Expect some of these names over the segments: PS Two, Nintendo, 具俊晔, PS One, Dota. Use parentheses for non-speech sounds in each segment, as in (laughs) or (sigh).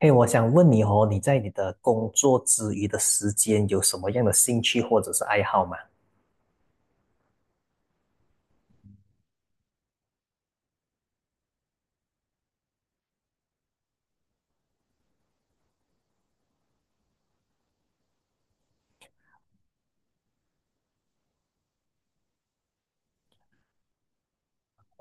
嘿，我想问你哦，你在你的工作之余的时间有什么样的兴趣或者是爱好吗？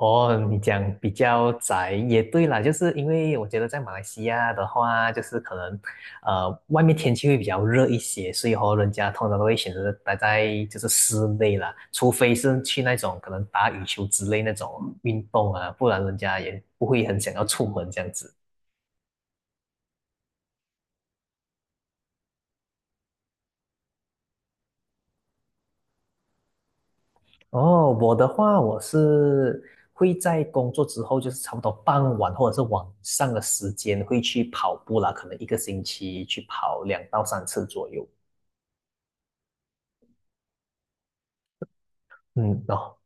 哦，你讲比较宅也对啦，就是因为我觉得在马来西亚的话，就是可能，外面天气会比较热一些，所以和人家通常都会选择待在就是室内啦，除非是去那种可能打羽球之类那种运动啊，不然人家也不会很想要出门这样子。哦，我的话，我是会在工作之后，就是差不多傍晚或者是晚上的时间会去跑步啦，可能一个星期去跑2到3次左右。嗯，哦。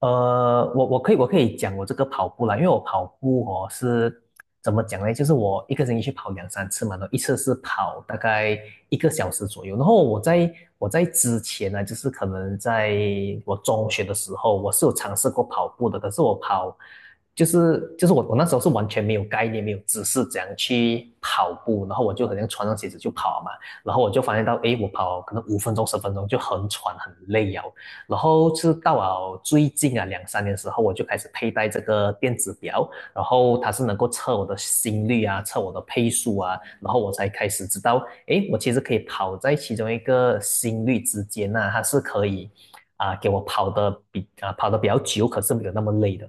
我可以讲我这个跑步啦，因为我跑步哦是怎么讲呢？就是我一个星期去跑两三次嘛，然后一次是跑大概一个小时左右。然后我在之前呢，就是可能在我中学的时候，我是有尝试过跑步的，可是就是我那时候是完全没有概念，没有知识怎样去跑步，然后我就好像穿上鞋子就跑嘛，然后我就发现到，诶，我跑可能5分钟10分钟就很喘很累啊，然后是到了最近啊两三年时候，我就开始佩戴这个电子表，然后它是能够测我的心率啊，测我的配速啊，然后我才开始知道，诶，我其实可以跑在其中一个心率之间呐、它是可以给我跑的比较久，可是没有那么累的。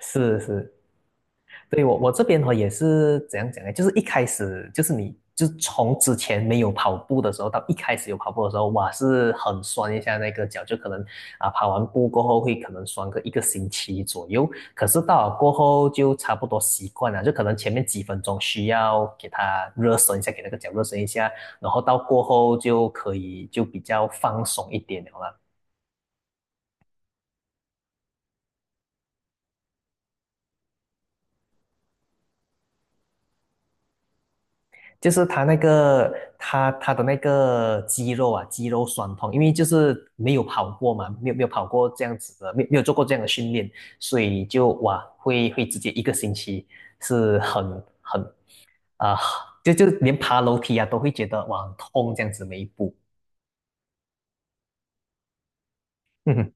是是。对，我这边哈也是怎样讲呢？就是一开始就是你就是从之前没有跑步的时候到一开始有跑步的时候，哇，是很酸一下那个脚，就可能跑完步过后会可能酸个一个星期左右。可是到了过后就差不多习惯了，就可能前面几分钟需要给它热身一下，给那个脚热身一下，然后到过后就可以就比较放松一点了啦。就是他的那个肌肉啊，肌肉酸痛，因为就是没有跑过嘛，没有跑过这样子的，没有做过这样的训练，所以就哇，会直接一个星期是很很啊、就连爬楼梯啊都会觉得哇很痛这样子每一步。(laughs) 嗯，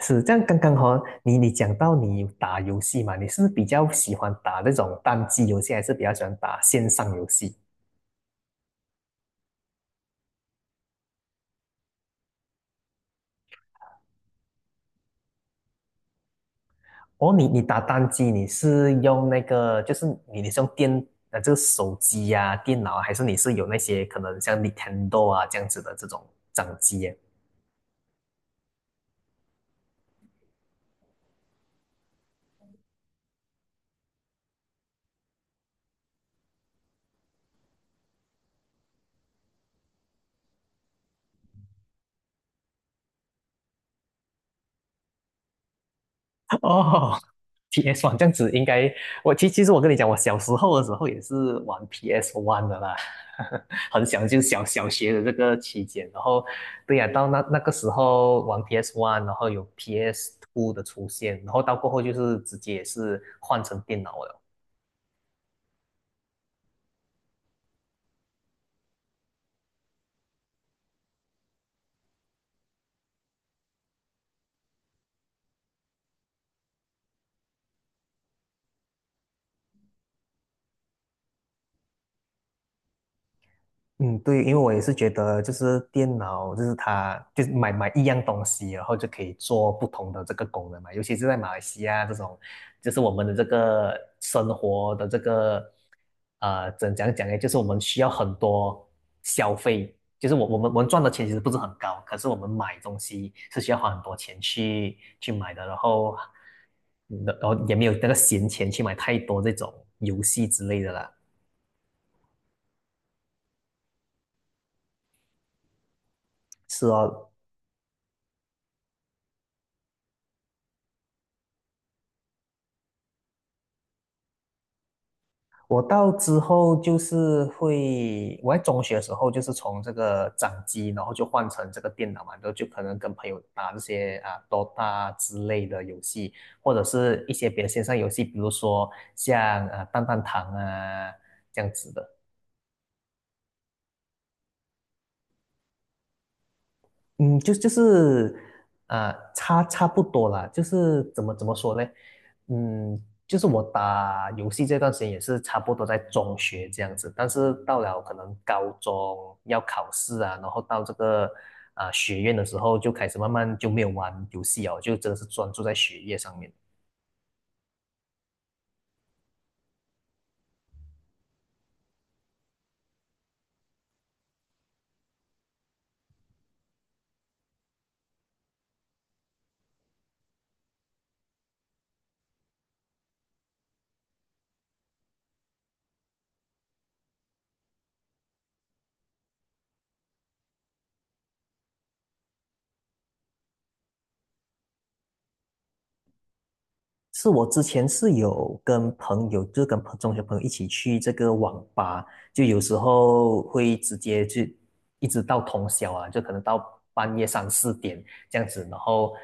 是这样。刚刚哦你讲到你打游戏嘛，你是不是比较喜欢打那种单机游戏，还是比较喜欢打线上游戏？哦，你打单机，你是用那个，就是你是用这个手机呀、电脑啊，还是你是有那些可能像 Nintendo 啊这样子的这种掌机耶？哦，PS One 这样子应该，我其实我跟你讲，我小时候的时候也是玩 PS One 的啦，(laughs) 很小就是小学的这个期间，然后对呀、到那个时候玩 PS One，然后有 PS Two 的出现，然后到过后就是直接也是换成电脑了。嗯，对，因为我也是觉得，就是电脑，就是它，就是买一样东西，然后就可以做不同的这个功能嘛。尤其是在马来西亚这种，就是我们的这个生活的这个，怎讲讲呢？就是我们需要很多消费，就是我们赚的钱其实不是很高，可是我们买东西是需要花很多钱去买的，然后，然后也没有那个闲钱去买太多这种游戏之类的啦。是哦，我到之后就是会，我在中学的时候就是从这个掌机，然后就换成这个电脑嘛，然后就可能跟朋友打这些啊 Dota 之类的游戏，或者是一些别的线上游戏，比如说像弹弹堂啊这样子的。嗯，就是差不多啦，就是怎么说呢？嗯，就是我打游戏这段时间也是差不多在中学这样子，但是到了可能高中要考试啊，然后到这个学院的时候，就开始慢慢就没有玩游戏哦，就真的是专注在学业上面。是我之前是有跟朋友，就是跟中学朋友一起去这个网吧，就有时候会直接去，一直到通宵啊，就可能到半夜三四点这样子，然后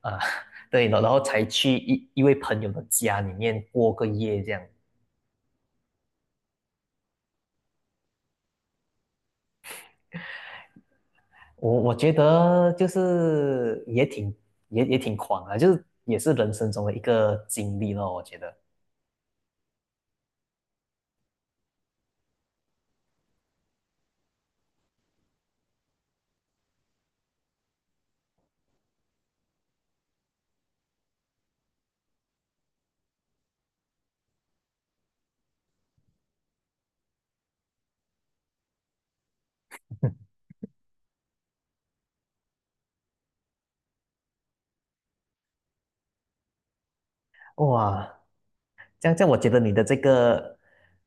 啊、呃 (laughs) 对，然后才去一位朋友的家里面过个夜这样。我觉得就是也挺狂啊，就是也是人生中的一个经历咯，我觉得哇，这样这样，我觉得你的这个，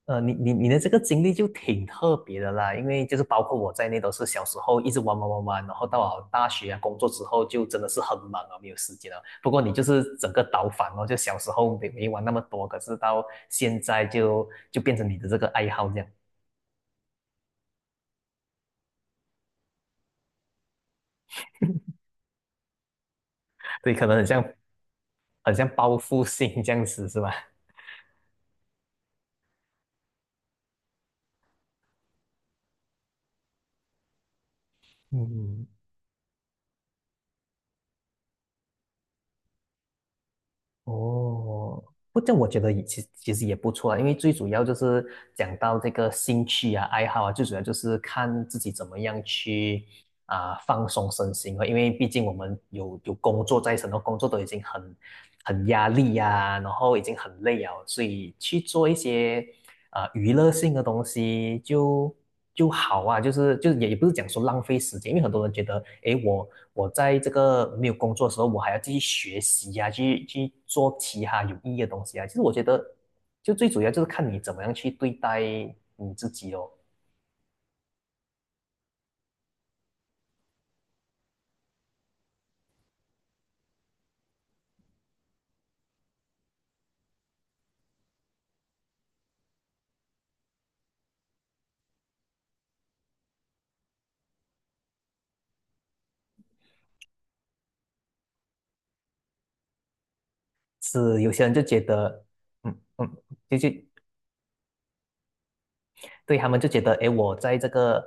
你的这个经历就挺特别的啦，因为就是包括我在内，都是小时候一直玩玩玩玩，然后到了大学啊工作之后，就真的是很忙啊，没有时间了。不过你就是整个倒反哦，就小时候没玩那么多，可是到现在就变成你的这个爱好这样，对，可能很像报复性这样子是吧？嗯。哦，不，这我觉得也其实也不错啊，因为最主要就是讲到这个兴趣啊、爱好啊，最主要就是看自己怎么样去放松身心啊，因为毕竟我们有工作在身，然后工作都已经很压力呀、然后已经很累啊，所以去做一些娱乐性的东西就好啊，就是也不是讲说浪费时间，因为很多人觉得，诶，我在这个没有工作的时候，我还要继续学习呀、去做其他有意义的东西啊。其实我觉得，就最主要就是看你怎么样去对待你自己哦。是有些人就觉得，嗯嗯，就对他们就觉得，哎，我在这个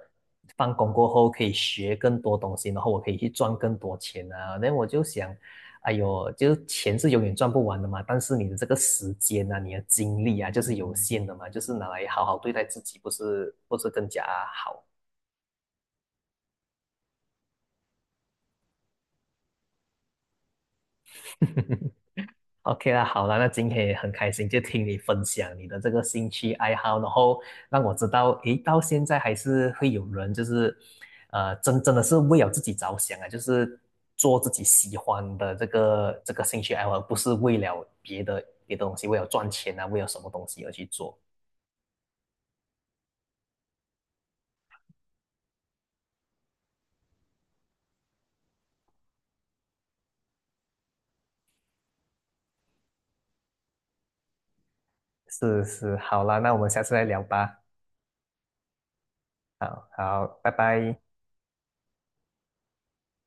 放工过后可以学更多东西，然后我可以去赚更多钱啊。那我就想，哎呦，就是钱是永远赚不完的嘛，但是你的这个时间啊，你的精力啊，就是有限的嘛，就是拿来好好对待自己，不是更加好？OK 啦，好啦，那今天也很开心，就听你分享你的这个兴趣爱好，然后让我知道，诶，到现在还是会有人就是，真的是为了自己着想啊，就是做自己喜欢的这个兴趣爱好，而不是为了别的东西，为了赚钱啊，为了什么东西而去做。是是，好啦，那我们下次再聊吧。好好，拜拜。